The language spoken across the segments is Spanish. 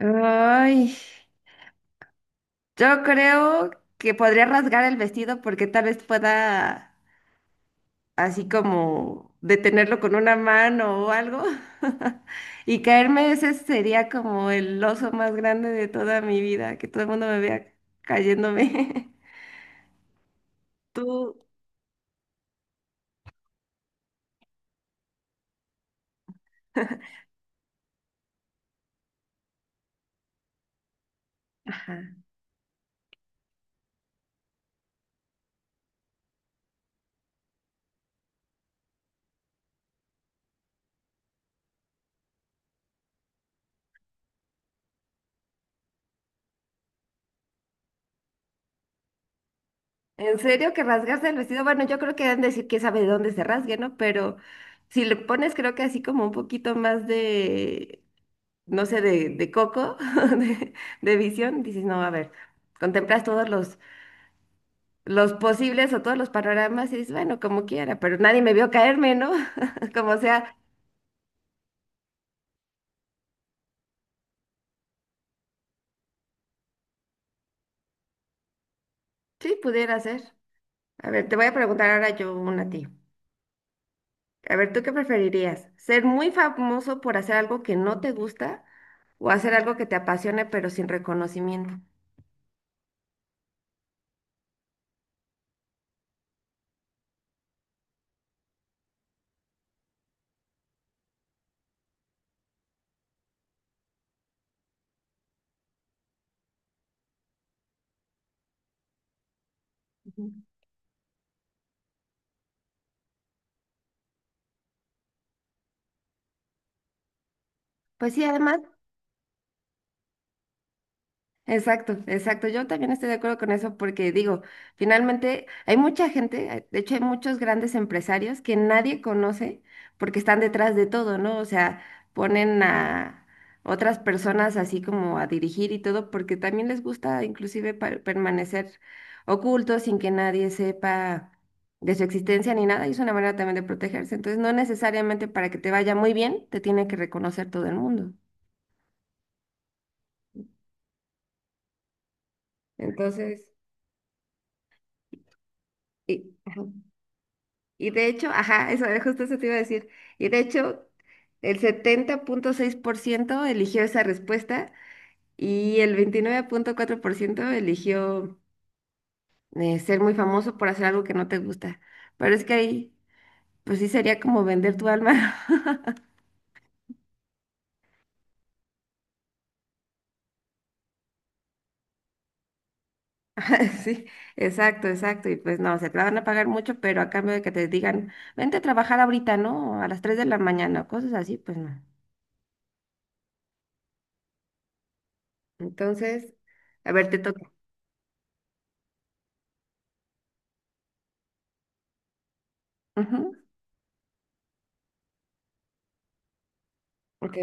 Ay, yo creo que podría rasgar el vestido porque tal vez pueda así como detenerlo con una mano o algo. Y caerme, ese sería como el oso más grande de toda mi vida, que todo el mundo me vea cayéndome. Tú. Ajá. ¿En serio que rasgarse el vestido? Bueno, yo creo que deben decir que sabe de dónde se rasgue, ¿no? Pero si le pones, creo que así como un poquito más de no sé, de coco, de, de visión, dices, no, a ver, contemplas todos los posibles o todos los panoramas y dices, bueno, como quiera, pero nadie me vio caerme, ¿no? Como sea, sí, pudiera ser. A ver, te voy a preguntar ahora yo una a ti. A ver, ¿tú qué preferirías? ¿Ser muy famoso por hacer algo que no te gusta o hacer algo que te apasione pero sin reconocimiento? Ujú. Pues sí, además. Exacto, exacto. Yo también estoy de acuerdo con eso porque digo, finalmente hay mucha gente, hay- de hecho hay muchos grandes empresarios que nadie conoce porque están detrás de todo, ¿no? O sea, ponen a otras personas así como a dirigir y todo porque también les gusta inclusive permanecer ocultos sin que nadie sepa de su existencia ni nada y es una manera también de protegerse. Entonces, no necesariamente para que te vaya muy bien, te tiene que reconocer todo el mundo. Entonces, ajá. Y de hecho, ajá, eso justo eso te iba a decir. Y de hecho, el 70.6% eligió esa respuesta y el 29.4% eligió ser muy famoso por hacer algo que no te gusta. Pero es que ahí, pues sí sería como vender tu alma. Ajá, sí, exacto, exacto. Y pues no, se te la van a pagar mucho, pero a cambio de que te digan, vente a trabajar ahorita, ¿no? A las 3 de la mañana, o cosas así, pues no. Entonces, a ver, te toca. Ujú. Ok.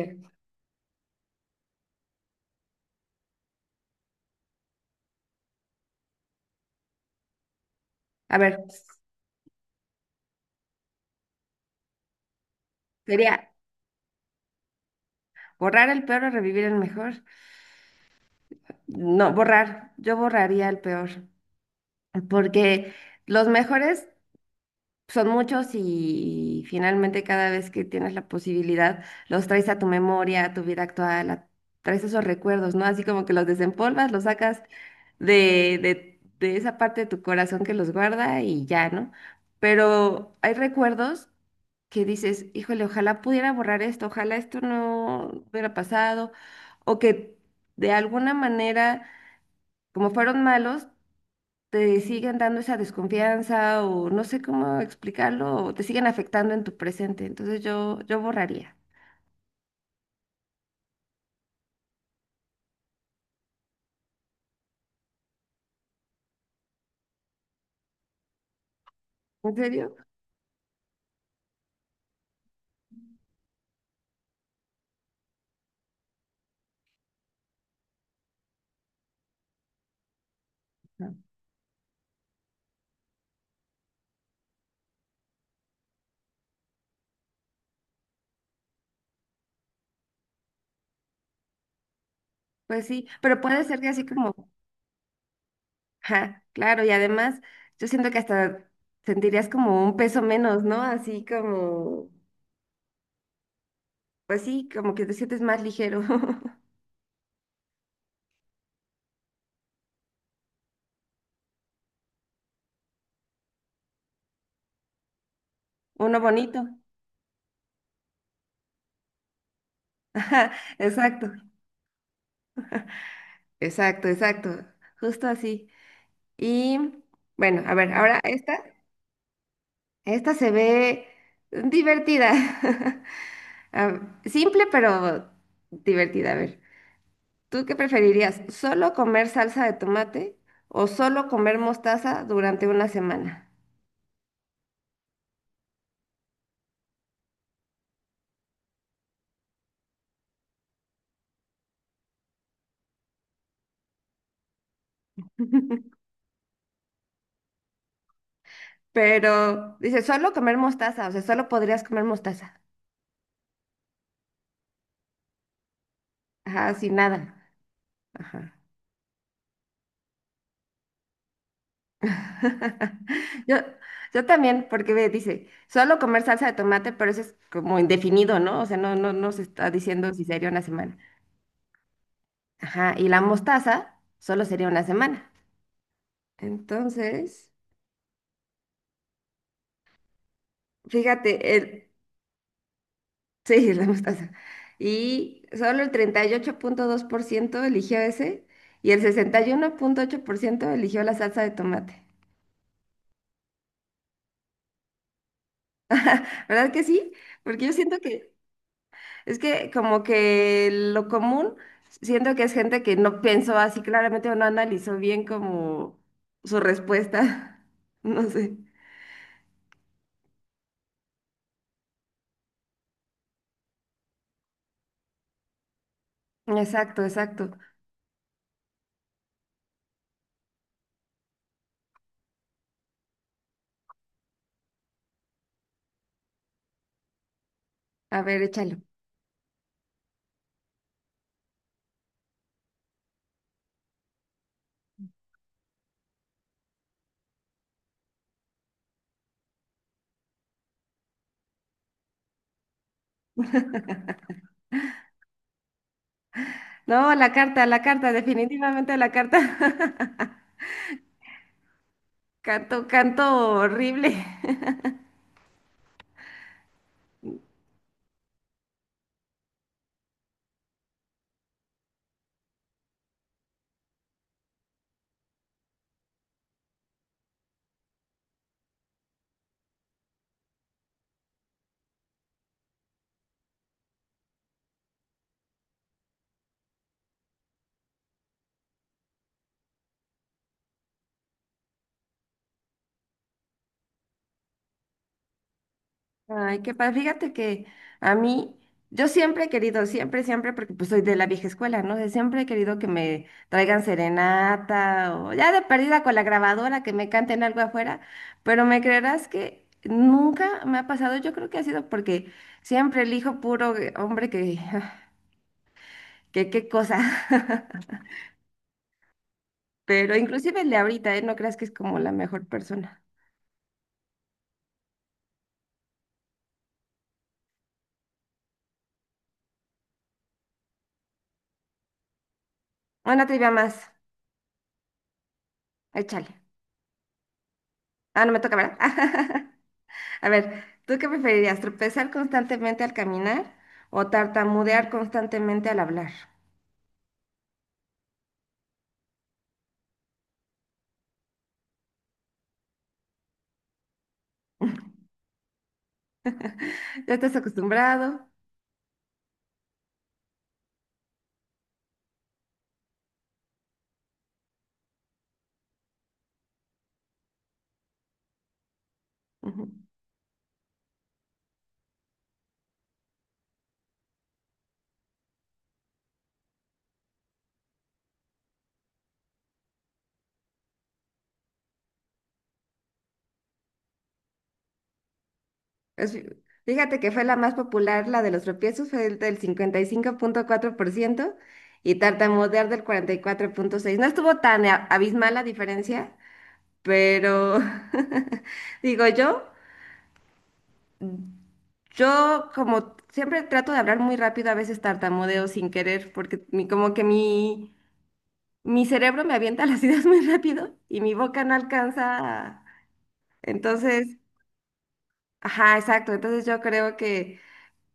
A ver, sería borrar el peor o revivir el mejor. No, borrar. Yo borraría el peor. Porque los mejores son muchos y finalmente cada vez que tienes la posibilidad, los traes a tu memoria, a tu vida actual, traes esos recuerdos, ¿no? Así como que los desempolvas, los sacas de esa parte de tu corazón que los guarda y ya, ¿no? Pero hay recuerdos que dices, híjole, ojalá pudiera borrar esto, ojalá esto no hubiera pasado, o que de alguna manera, como fueron malos, te siguen dando esa desconfianza o no sé cómo explicarlo, o te siguen afectando en tu presente. Entonces yo borraría. ¿En serio? No. Pues sí, pero puede ser que así como ajá, claro, y además yo siento que hasta sentirías como un peso menos, ¿no? Así como, pues sí, como que te sientes más ligero. Uno bonito. Ajá, exacto, exacto, exacto. Justo así. Y bueno, a ver, ahora esta, esta se ve divertida. Ah, simple, pero divertida. A ver, ¿tú qué preferirías? ¿Solo comer salsa de tomate o solo comer mostaza durante una semana? Pero dice, solo comer mostaza, o sea, solo podrías comer mostaza. Ajá, sin nada. Ajá. Yo, yo también, porque ve, dice, solo comer salsa de tomate, pero eso es como indefinido, ¿no? O sea, no, no, no se está diciendo si sería una semana. Ajá, y la mostaza solo sería una semana. Entonces, fíjate, el, sí, la mostaza. Y solo el 38.2% eligió ese y el 61.8% eligió la salsa de tomate. ¿Verdad que sí? Porque yo siento que es que como que lo común, siento que es gente que no pensó así claramente o no analizó bien como su respuesta. No sé. Exacto, exacto. A ver, échalo. No, la carta, definitivamente la carta. Canto, canto horrible. Ay, qué padre. Fíjate que a mí, yo siempre he querido, siempre, siempre, porque pues soy de la vieja escuela, ¿no? De siempre he querido que me traigan serenata o ya de perdida con la grabadora, que me canten algo afuera, pero me creerás que nunca me ha pasado. Yo creo que ha sido porque siempre elijo puro hombre que, que qué cosa. Pero inclusive el de ahorita, ¿eh? No creas que es como la mejor persona. Una trivia más. Échale. Ah, no me toca, ¿verdad? A ver, ¿tú qué preferirías? ¿Tropezar constantemente al caminar o tartamudear constantemente al hablar? Ya estás acostumbrado. Ujú. Es- Fíjate que fue la más popular, la de los tropiezos, fue el del 55.4% y 5.4% y tartamudear del 44.6%. No estuvo tan abismal la diferencia, pero digo yo, como siempre trato de hablar muy rápido, a veces tartamudeo sin querer, porque mi, como que mi cerebro me avienta las ideas muy rápido y mi boca no alcanza. Entonces, ajá, exacto. Entonces yo creo que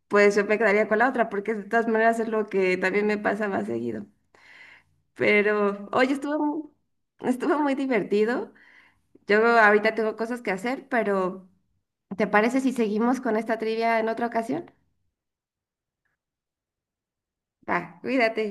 pues yo me quedaría con la otra porque de todas maneras es lo que también me pasa más seguido. Pero, oye, estuvo, estuvo muy divertido. Yo ahorita tengo cosas que hacer, pero ¿te parece si seguimos con esta trivia en otra ocasión? Va, cuídate.